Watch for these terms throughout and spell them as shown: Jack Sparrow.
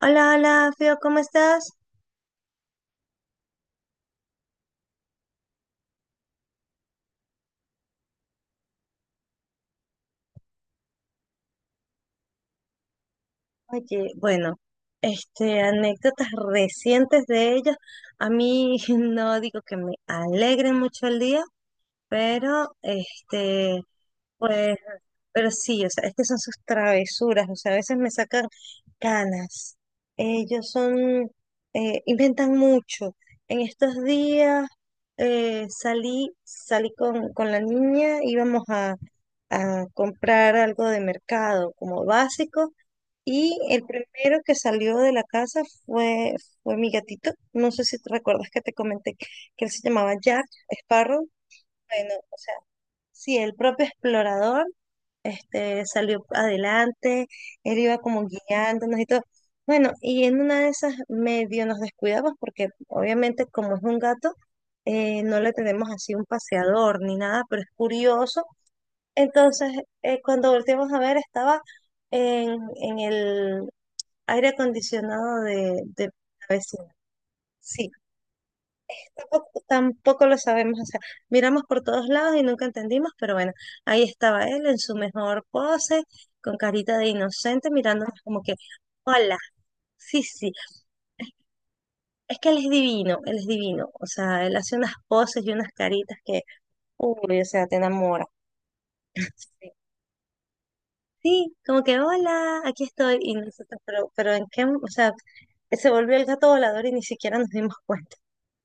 Hola, hola, Fio, ¿cómo estás? Oye, bueno, anécdotas recientes de ellos. A mí no digo que me alegren mucho el día, pero Pues, pero sí, o sea, es que son sus travesuras, o sea, a veces me sacan canas. Ellos son, inventan mucho. En estos días salí con la niña, íbamos a comprar algo de mercado como básico, y el primero que salió de la casa fue, fue mi gatito. No sé si te recuerdas que te comenté que él se llamaba Jack Sparrow. Bueno, o sea, sí, el propio explorador salió adelante, él iba como guiándonos y todo. Bueno, y en una de esas medio nos descuidamos porque obviamente como es un gato, no le tenemos así un paseador ni nada, pero es curioso. Entonces, cuando volteamos a ver, estaba en el aire acondicionado de la vecina. Sí. Tampoco lo sabemos, hacer miramos por todos lados y nunca entendimos, pero bueno, ahí estaba él en su mejor pose, con carita de inocente, mirándonos como que, hola, sí, sí, es que él es divino, o sea, él hace unas poses y unas caritas que, uy, o sea, te enamora. Sí, sí, como que, hola, aquí estoy, y nosotros, pero en qué, o sea, se volvió el gato volador y ni siquiera nos dimos cuenta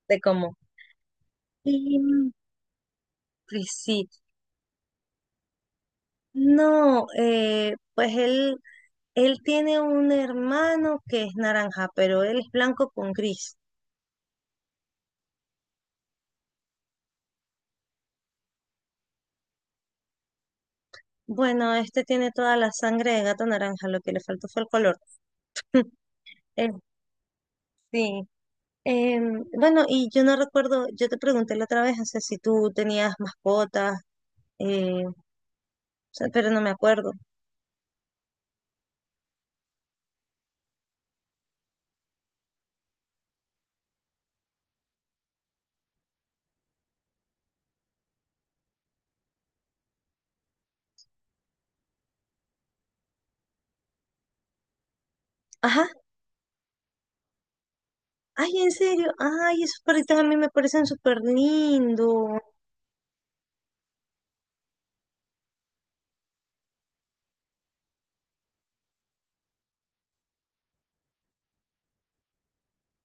de cómo. Sí, pues sí. No, pues él tiene un hermano que es naranja, pero él es blanco con gris. Bueno, este tiene toda la sangre de gato naranja, lo que le faltó fue el color. Eh, sí. Bueno, y yo no recuerdo, yo te pregunté la otra vez, o sea, si tú tenías mascotas, o sea, pero no me acuerdo. Ajá, ay, en serio, ay, esos perritos a mí me parecen súper lindos,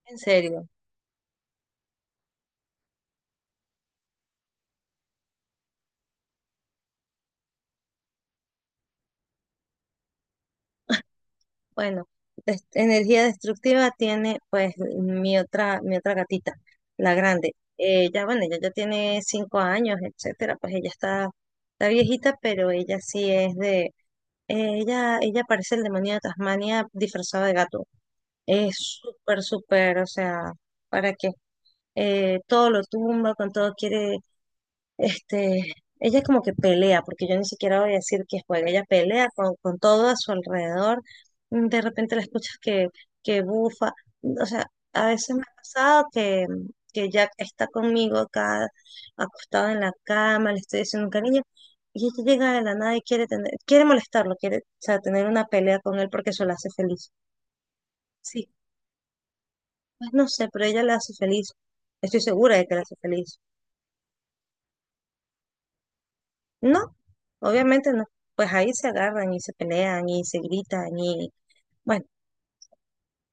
en serio. Bueno, energía destructiva tiene pues mi otra gatita, la grande. Ya, bueno, ella ya tiene 5 años, etcétera, pues ella está, está viejita, pero ella sí es de, ella parece el demonio de Tasmania disfrazado de gato. Es súper, súper, o sea, ¿para qué? Todo lo tumba, con todo quiere este, ella como que pelea, porque yo ni siquiera voy a decir que juega, ella pelea con todo a su alrededor. Mm, de repente la escuchas que bufa. O sea, a veces me ha pasado que Jack está conmigo acá, acostado en la cama, le estoy diciendo un cariño, y ella llega de la nada y quiere tener, quiere molestarlo, quiere, o sea, tener una pelea con él porque eso la hace feliz. Sí, pues no sé, pero ella le hace feliz. Estoy segura de que la hace feliz. No, obviamente no. Pues ahí se agarran y se pelean y se gritan y bueno,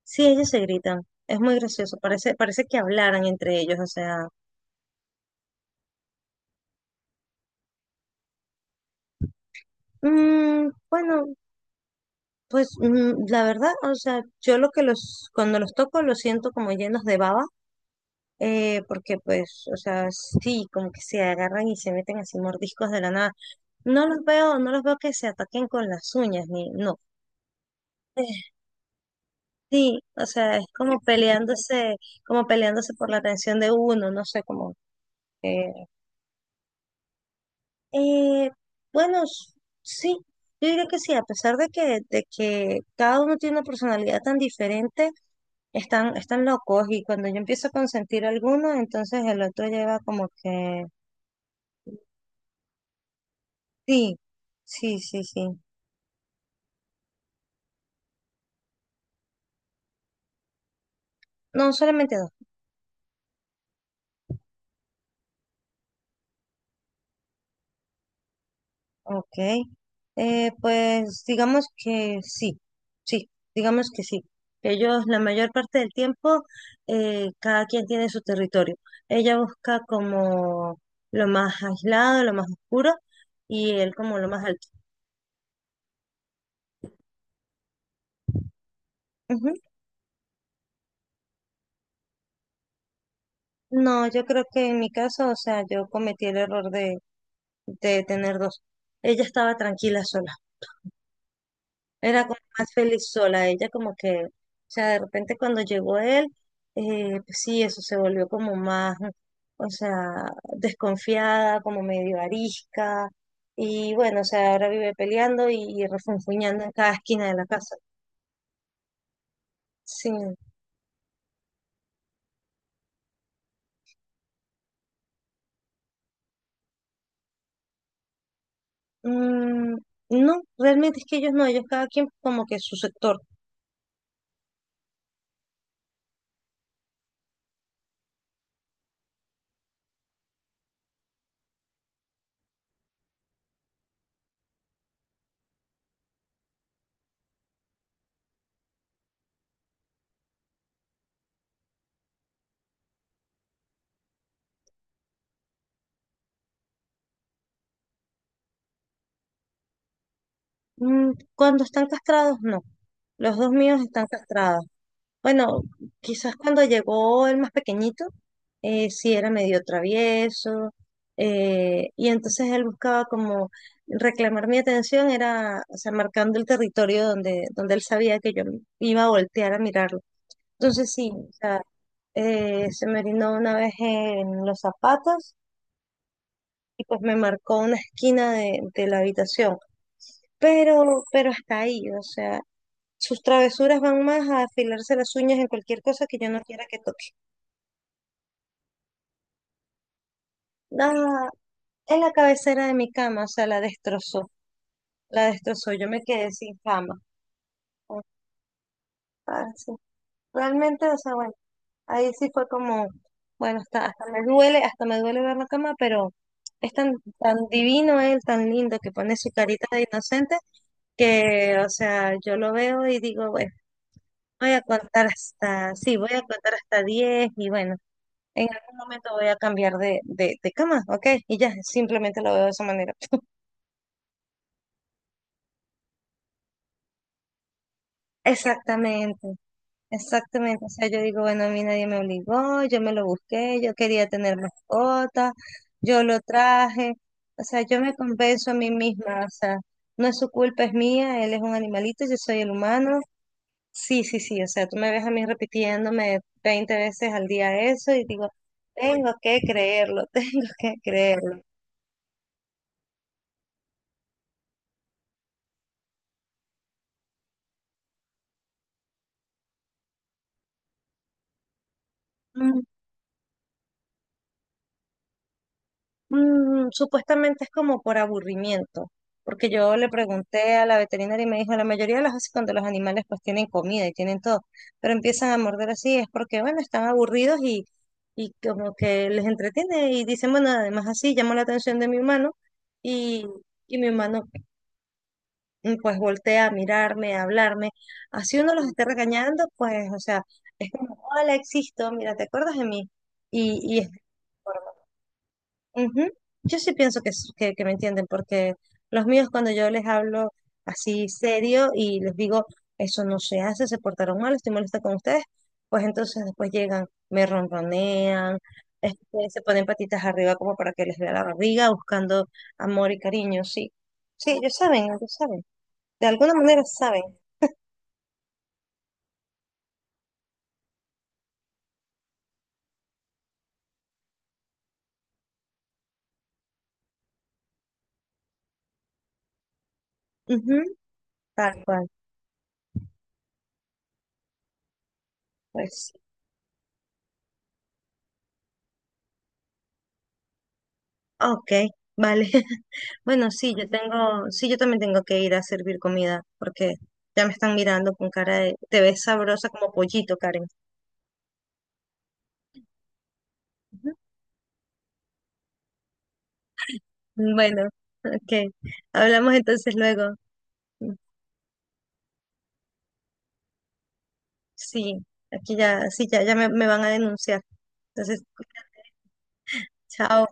sí, ellos se gritan. Es muy gracioso. Parece, parece que hablaran entre ellos. O sea, bueno, pues la verdad, o sea, yo lo que los, cuando los toco los siento como llenos de baba, porque pues, o sea, sí, como que se agarran y se meten así mordiscos de la nada. No los veo, no los veo que se ataquen con las uñas, ni no. Sí, o sea, es como peleándose por la atención de uno, no sé, como que… Eh, bueno, sí, yo diría que sí, a pesar de que cada uno tiene una personalidad tan diferente, están, están locos y cuando yo empiezo a consentir a alguno, entonces el otro lleva como que… Sí, sí, sí, sí. No, solamente dos. Ok, pues digamos que sí, sí, digamos que sí. Ellos la mayor parte del tiempo, cada quien tiene su territorio. Ella busca como lo más aislado, lo más oscuro y él como lo más alto. Ujú. No, yo creo que en mi caso, o sea, yo cometí el error de tener dos. Ella estaba tranquila sola. Era como más feliz sola. Ella como que, o sea, de repente cuando llegó él, pues sí, eso se volvió como más, o sea, desconfiada, como medio arisca. Y bueno, o sea, ahora vive peleando y refunfuñando en cada esquina de la casa. Sí. Mm, no, realmente es que ellos no, ellos cada quien como que su sector. Mm, cuando están castrados, no. Los dos míos están castrados. Bueno, quizás cuando llegó el más pequeñito, sí era medio travieso, y entonces él buscaba como reclamar mi atención, era, o sea, marcando el territorio donde, donde él sabía que yo iba a voltear a mirarlo. Entonces sí, o sea, se me orinó una vez en los zapatos y pues me marcó una esquina de la habitación, pero hasta ahí, o sea, sus travesuras van más a afilarse las uñas en cualquier cosa que yo no quiera que toque. Ah, en la cabecera de mi cama, o sea, la destrozó, yo me quedé sin cama. Ah, sí. Realmente, o sea, bueno, ahí sí fue como, bueno, hasta, hasta me duele ver la cama, pero es tan, tan divino él, tan lindo, que pone su carita de inocente, que, o sea, yo lo veo y digo, bueno, voy a contar hasta, sí, voy a contar hasta 10 y bueno, en algún momento voy a cambiar de cama, ¿ok? Y ya, simplemente lo veo de esa manera. Exactamente. Exactamente, o sea, yo digo, bueno, a mí nadie me obligó, yo me lo busqué, yo quería tener mascota, yo lo traje, o sea, yo me convenzo a mí misma, o sea, no es su culpa, es mía, él es un animalito, yo soy el humano, sí, sí, sí, o sea, tú me ves a mí repitiéndome 20 veces al día eso y digo, tengo que creerlo, tengo que creerlo. Mm, supuestamente es como por aburrimiento, porque yo le pregunté a la veterinaria y me dijo, la mayoría de las veces cuando los animales pues tienen comida y tienen todo, pero empiezan a morder así, es porque bueno, están aburridos y como que les entretiene y dicen, bueno, además así llama la atención de mi humano y, y mi humano pues voltea a mirarme, a hablarme, así uno los esté regañando, pues o sea, es como, hola, existo, mira, ¿te acuerdas de mí? Y es ujú. Yo sí pienso que, que me entienden, porque los míos cuando yo les hablo así serio y les digo, eso no se hace, se portaron mal, estoy molesta con ustedes, pues entonces después llegan, me ronronean, se ponen patitas arriba como para que les vea la barriga, buscando amor y cariño, sí. Sí, ellos saben, ellos saben. De alguna manera saben. Ujú, tal cual, pues. Ok, vale. Bueno, sí, yo tengo, sí, yo también tengo que ir a servir comida porque ya me están mirando con cara de, te ves sabrosa como pollito, Karen. Ujú. Bueno, ok. Hablamos entonces luego. Sí, aquí ya, sí, ya, ya me van a denunciar. Entonces, chao.